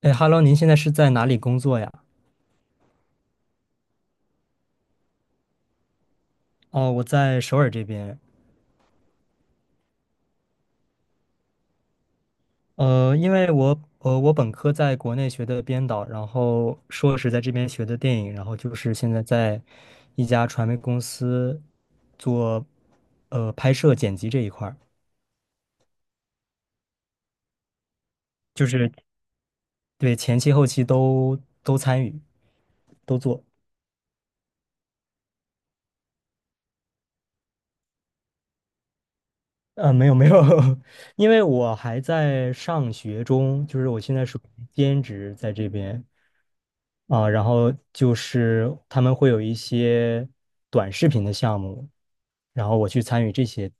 哎，Hello，您现在是在哪里工作呀？哦，我在首尔这边。因为我我本科在国内学的编导，然后硕士在这边学的电影，然后就是现在在一家传媒公司做拍摄剪辑这一块儿，就是对前期后期都参与都做。没有没有，因为我还在上学中，就是我现在是兼职在这边。啊，然后就是他们会有一些短视频的项目，然后我去参与这些。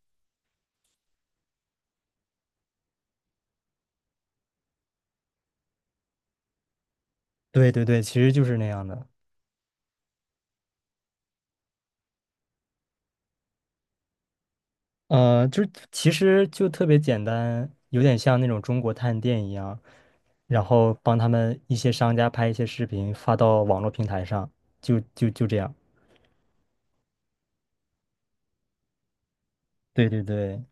对对对，其实就是那样的。就是其实就特别简单，有点像那种中国探店一样，然后帮他们一些商家拍一些视频发到网络平台上，就这样。对对对。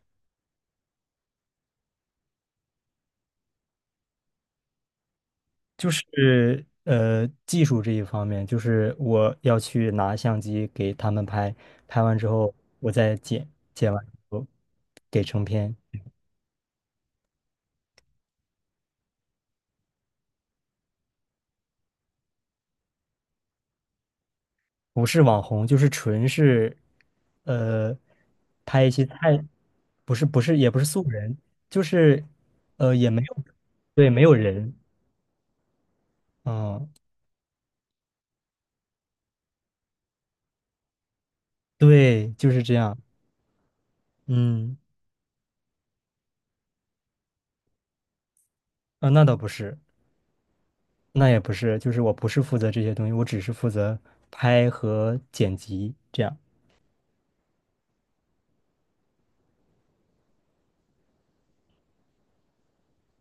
就是技术这一方面，就是我要去拿相机给他们拍，拍完之后我再剪，剪完之后给成片。不是网红，就是纯是呃拍一些菜，不是不是也不是素人，就是也没有对没有人。嗯，对，就是这样。嗯，啊那倒不是。那也不是，就是我不是负责这些东西，我只是负责拍和剪辑这样。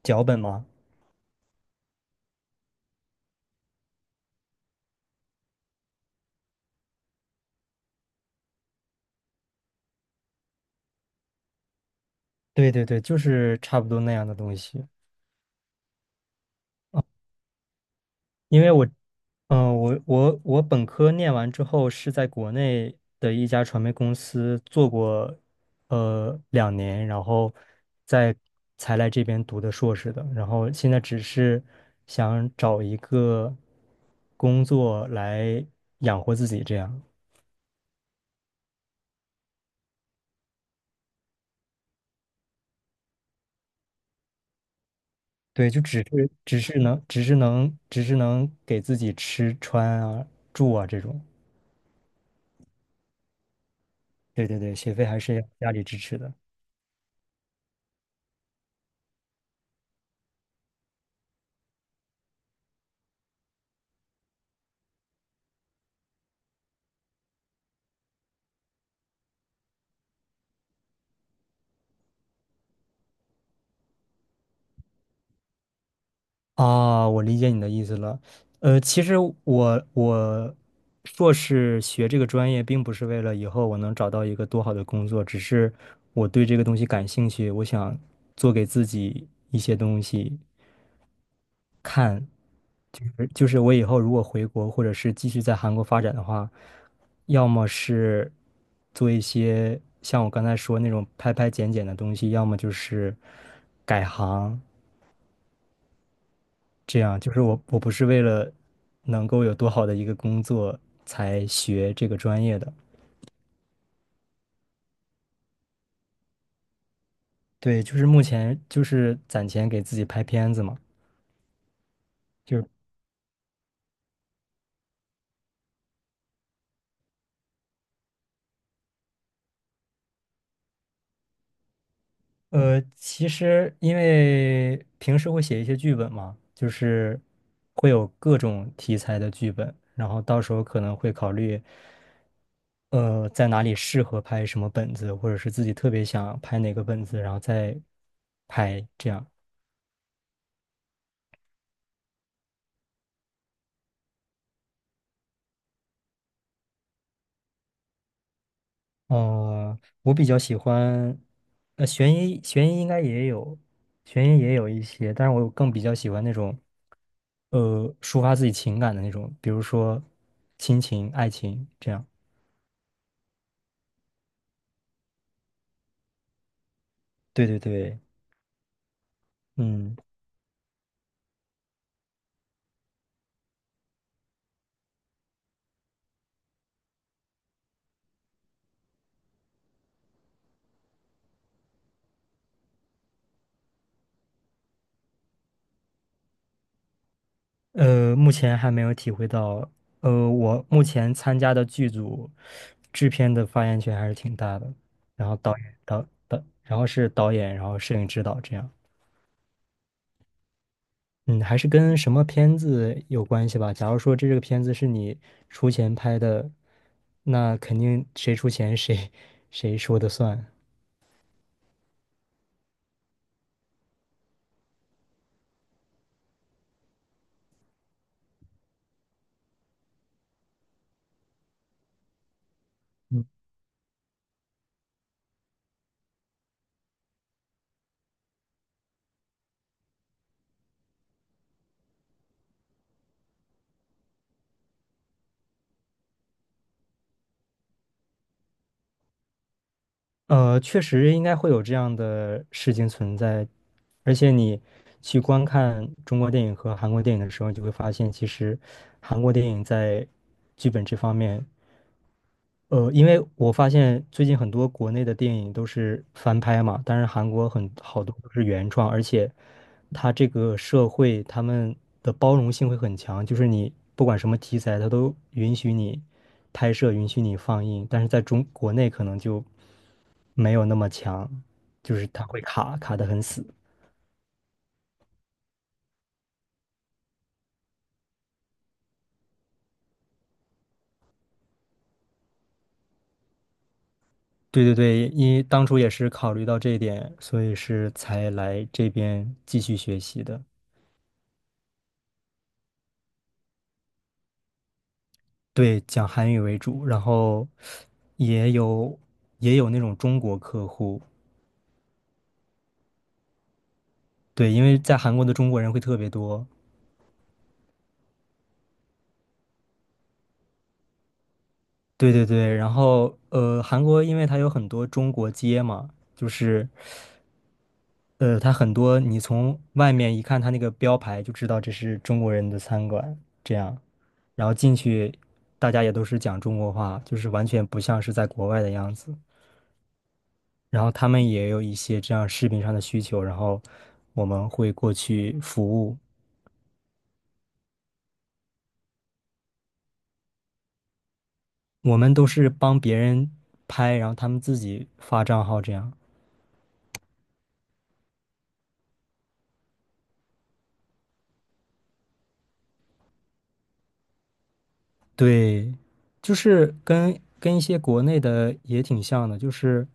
脚本吗？对对对，就是差不多那样的东西。因为我，嗯、我本科念完之后是在国内的一家传媒公司做过，两年，然后再才来这边读的硕士的。然后现在只是想找一个工作来养活自己，这样。对，就只是能给自己吃穿啊住啊这种。对对对，学费还是要家里支持的。啊，我理解你的意思了。其实我硕士学这个专业，并不是为了以后我能找到一个多好的工作，只是我对这个东西感兴趣，我想做给自己一些东西。而就是我以后如果回国，或者是继续在韩国发展的话，要么是做一些像我刚才说那种拍拍剪剪的东西，要么就是改行。这样，就是我不是为了能够有多好的一个工作才学这个专业的。对，就是目前就是攒钱给自己拍片子嘛，就是其实因为平时会写一些剧本嘛，就是会有各种题材的剧本，然后到时候可能会考虑在哪里适合拍什么本子，或者是自己特别想拍哪个本子，然后再拍这样。我比较喜欢，悬疑应该也有，悬疑也有一些，但是我更比较喜欢那种，抒发自己情感的那种，比如说亲情、爱情这样。对对对，嗯，目前还没有体会到。我目前参加的剧组制片的发言权还是挺大的，然后导演，然后是导演，然后摄影指导这样。嗯，还是跟什么片子有关系吧。假如说这个片子是你出钱拍的，那肯定谁出钱谁说的算。嗯，确实应该会有这样的事情存在。而且你去观看中国电影和韩国电影的时候，你就会发现，其实韩国电影在剧本这方面因为我发现最近很多国内的电影都是翻拍嘛，但是韩国很好多都是原创，而且它这个社会他们的包容性会很强，就是你不管什么题材，它都允许你拍摄，允许你放映，但是在中国内可能就没有那么强，就是它会卡卡的很死。对对对，因为当初也是考虑到这一点，所以是才来这边继续学习的。对，讲韩语为主，然后也有也有那种中国客户。对，因为在韩国的中国人会特别多。对对对，然后韩国因为它有很多中国街嘛，就是它很多你从外面一看它那个标牌就知道这是中国人的餐馆，这样，然后进去大家也都是讲中国话，就是完全不像是在国外的样子。然后他们也有一些这样视频上的需求，然后我们会过去服务。我们都是帮别人拍，然后他们自己发账号这样。对，就是跟一些国内的也挺像的，就是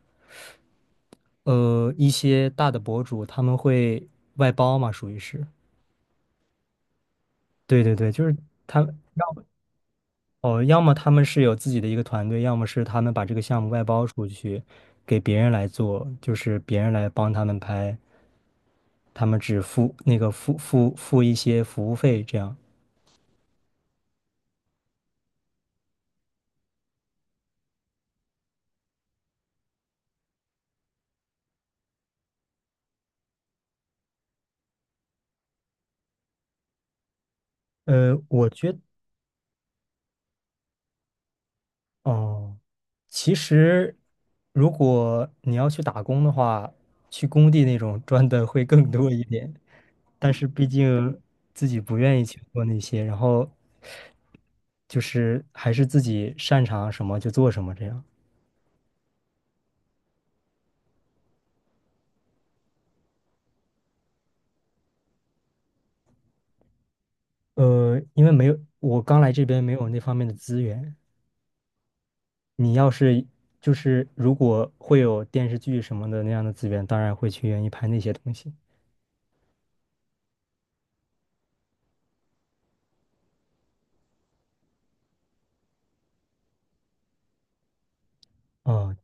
一些大的博主他们会外包嘛，属于是。对对对，就是他们哦，要么他们是有自己的一个团队，要么是他们把这个项目外包出去给别人来做，就是别人来帮他们拍，他们只付那个付一些服务费这样。呃，我觉哦，其实如果你要去打工的话，去工地那种赚的会更多一点，但是毕竟自己不愿意去做那些，然后就是还是自己擅长什么就做什么这样。因为没有，我刚来这边没有那方面的资源。你要是就是如果会有电视剧什么的那样的资源，当然会去愿意拍那些东西。啊、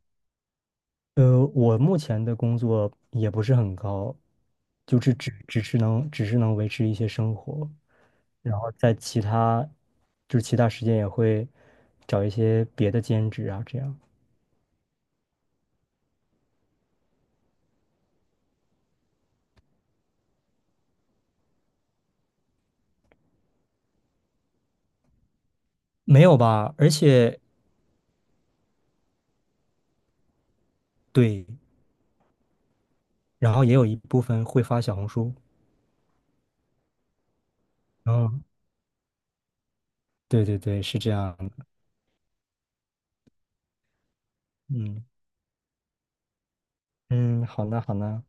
我目前的工作也不是很高，就是只是能维持一些生活，然后在其他就是其他时间也会找一些别的兼职啊，这样。没有吧？而且对，然后也有一部分会发小红书。嗯，对对对，是这样的。嗯嗯，好呢好呢。